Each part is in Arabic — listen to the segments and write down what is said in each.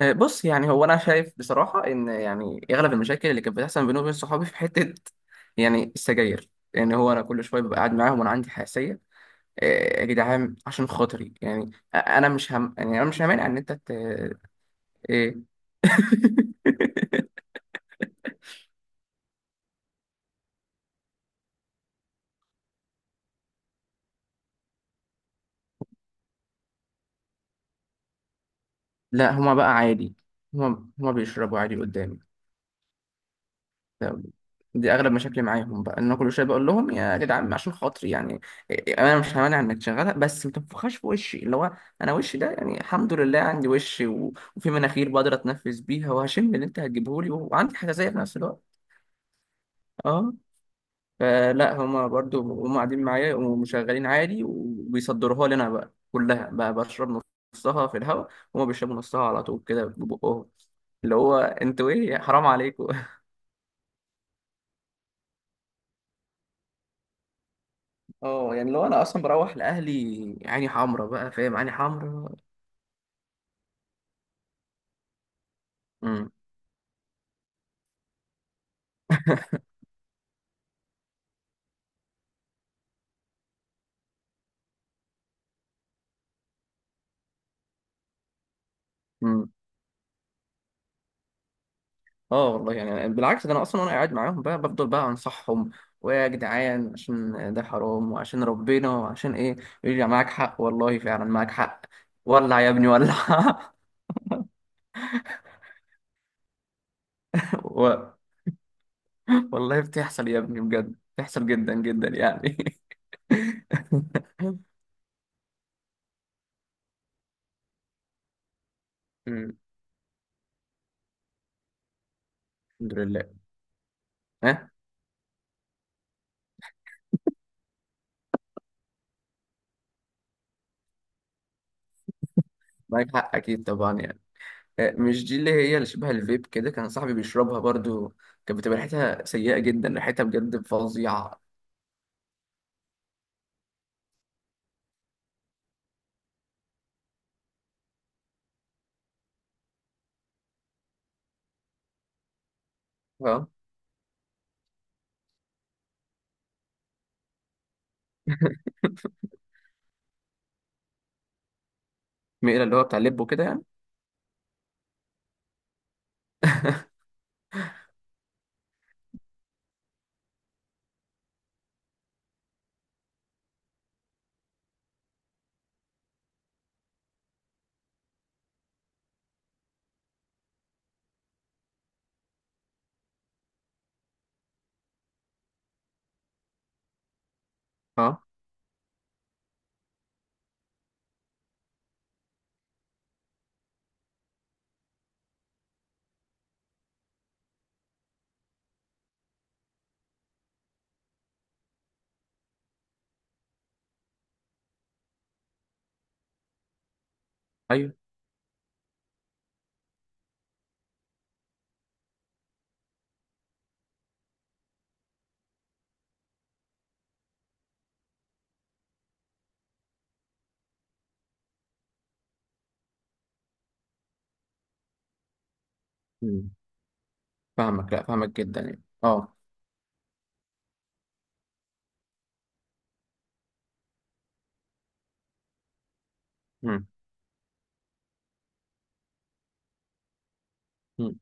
آه، بص يعني هو انا شايف بصراحه ان يعني اغلب المشاكل اللي كانت بتحصل بيني وبين صحابي في حته يعني السجاير. يعني هو انا كل شويه ببقى قاعد معاهم وانا عندي حساسيه. آه، يا جدعان عشان خاطري يعني انا مش هم، يعني انا مش همانع ان انت ايه. لا، هما بقى عادي. هما بيشربوا عادي قدامي. دي اغلب مشاكلي معاهم، بقى ان انا كل شويه بقول لهم يا جدعان عشان خاطري يعني انا مش همانع انك تشغلها، بس ما تنفخهاش في وشي. اللي هو انا وشي ده يعني الحمد لله عندي وش وفي مناخير بقدر اتنفس بيها وهشم اللي انت هتجيبه لي، وعندي حساسيه في نفس الوقت. اه. فلا هما برضو هما قاعدين معايا ومشغلين عادي وبيصدروها لي، انا بقى كلها بقى بشرب نصها في الهواء، وهما بيشربوا نصها على طول كده ببقهم. اللي هو انتوا ايه، حرام عليكم. اه يعني لو انا اصلا بروح لاهلي، عيني حمرا بقى فاهم، عيني حمرا. امم. امم. اه والله يعني بالعكس، ده انا اصلا وانا قاعد معاهم بقى بفضل بقى انصحهم، ويا جدعان عشان ده حرام وعشان ربنا وعشان ايه. يقول لي معاك حق والله، فعلا معاك حق. ولع يا ابني ولع. و... والله بتحصل يا ابني، بجد بتحصل جدا جدا يعني. أمم، الحمد لله. ها. معاك حق اكيد طبعا يعني. آه، مش دي اللي هي اللي شبه الفيب كده كان صاحبي بيشربها برضو؟ كانت بتبقى ريحتها سيئة جدا، ريحتها بجد فظيعة. اه. ميلا اللي هو بتاع اللب وكده يعني. اه. ايوه. مم. فاهمك، لا فاهمك جدا يعني، اه. مم. مم.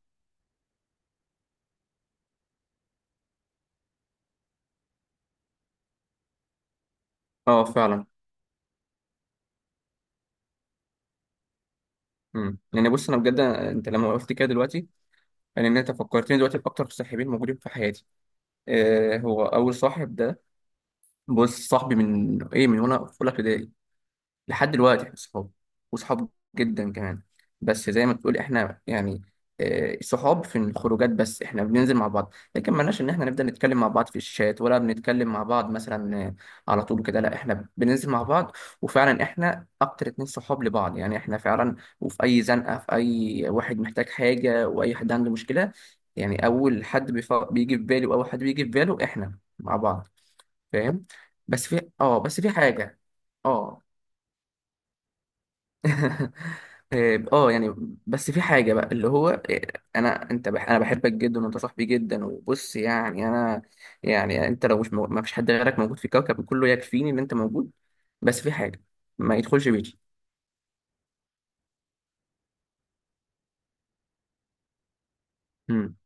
اه فعلا. مم. يعني بص انا بجد، انت لما وقفت كده دلوقتي، يعني ان انت فكرتني دلوقتي باكتر صاحبين موجودين في حياتي. آه هو اول صاحب ده، بص صاحبي من ايه، من وانا في اولى ابتدائي لحد دلوقتي احنا صحاب، وصحاب جدا كمان. بس زي ما تقول احنا يعني آه، صحاب في الخروجات، بس احنا بننزل مع بعض، لكن مالناش ان احنا نبدأ نتكلم مع بعض في الشات، ولا بنتكلم مع بعض مثلا آه، على طول كده. لا احنا بننزل مع بعض، وفعلا احنا اكتر اتنين صحاب لبعض يعني، احنا فعلا، وفي اي زنقة في اي واحد محتاج حاجة واي حد عنده مشكلة، يعني اول حد بيجي في بالي واول حد بيجي في باله احنا مع بعض، فاهم. بس في بس في حاجة. اه. إيه، يعني، بس في حاجة بقى اللي هو إيه، انا انت بح انا بحبك جدا، وانت صاحبي جدا، وبص يعني انا، يعني انت لو مش مو... ما فيش حد غيرك موجود في الكوكب كله، يكفيني ان انت موجود. بس في حاجة، ما يدخلش بيتي. امم.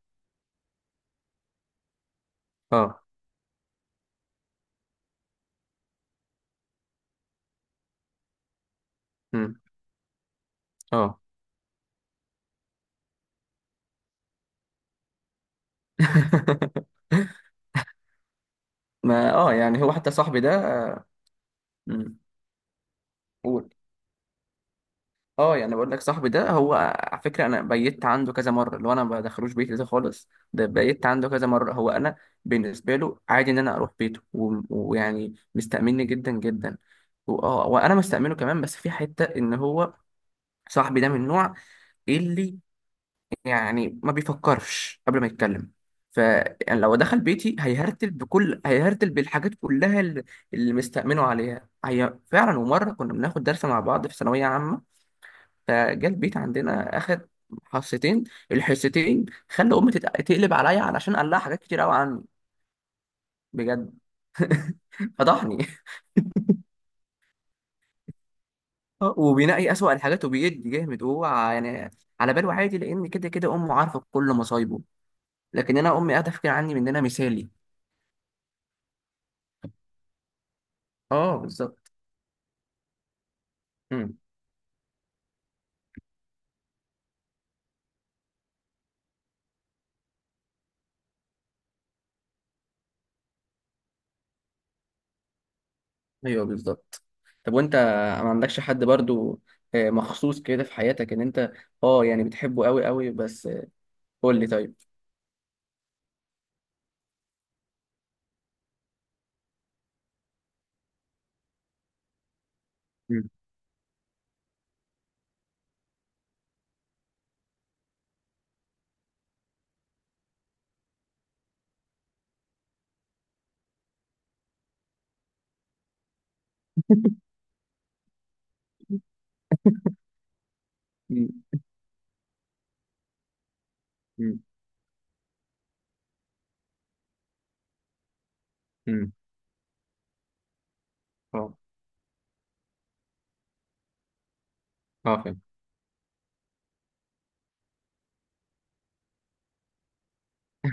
اه. امم. اه. ما يعني هو حتى صاحبي ده آه، مم. قول. اه يعني بقول لك صاحبي ده هو على فكره انا بيت عنده كذا مره، اللي هو انا ما بدخلوش بيتي ده خالص، ده بيت عنده كذا مره. هو انا بالنسبه له عادي ان انا اروح بيته ويعني مستأمني جدا جدا، و- اه وانا مستأمنه كمان، بس في حته ان هو صاحبي ده من النوع اللي يعني ما بيفكرش قبل ما يتكلم. ف يعني لو دخل بيتي هيهرتل بالحاجات كلها اللي مستأمنه عليها هي فعلا. ومره كنا بناخد درس مع بعض في ثانويه عامه، فجا البيت عندنا اخد حصتين، الحصتين خلى امي تقلب عليا علشان قال لها حاجات كتير قوي عني، بجد فضحني. وبينقي اسوأ الحاجات وبيدي جامد هو يعني على باله عادي، لان كده كده امه عارفه كل مصايبه، لكن انا امي قاعده فاكره عني من ان انا مثالي. اه بالظبط. امم. ايوه بالظبط. طب وانت ما عندكش حد برضو مخصوص كده في حياتك ان انت اه يعني بتحبه قوي قوي؟ بس قول لي طيب. مم. مم. مم. مم. اه. اه.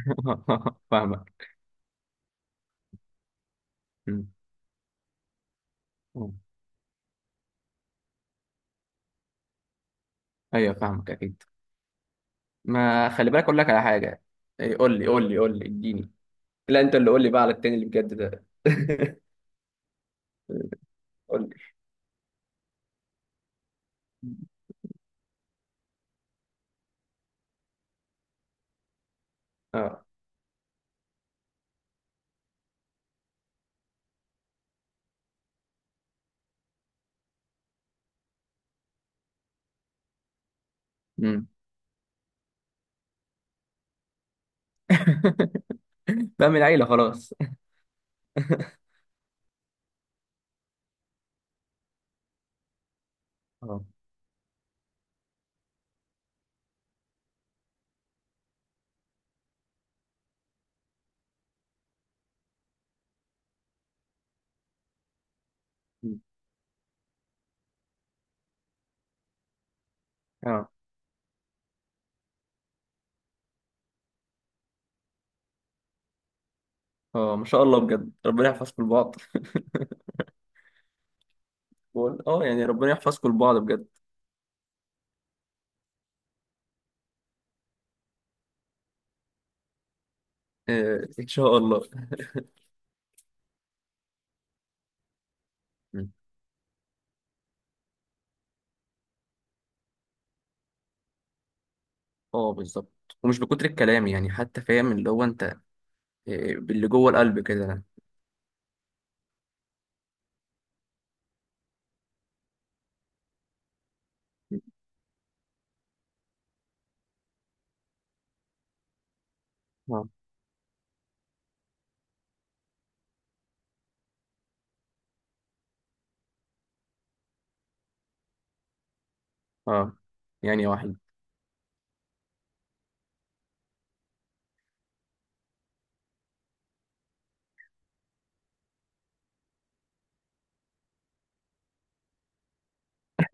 فاهمك. مم. مم. ايوه فاهمك اكيد. ما خلي بالك اقول لك على حاجه. إيه، قول لي قول لي قول لي اديني. لا انت اللي قول لي بقى على التاني اللي بجد ده. قول لي. اه. مم. بقى من عيله خلاص. اه. مم. اه. اه ما شاء الله، بجد ربنا يحفظكم لبعض. بقول يعني ربنا يحفظكم لبعض بجد. آه ان شاء الله. مم. اه بالظبط، ومش بكتر الكلام يعني حتى فاهم اللي هو انت آه، باللي جوه القلب كده. مم. اه. اه يعني واحد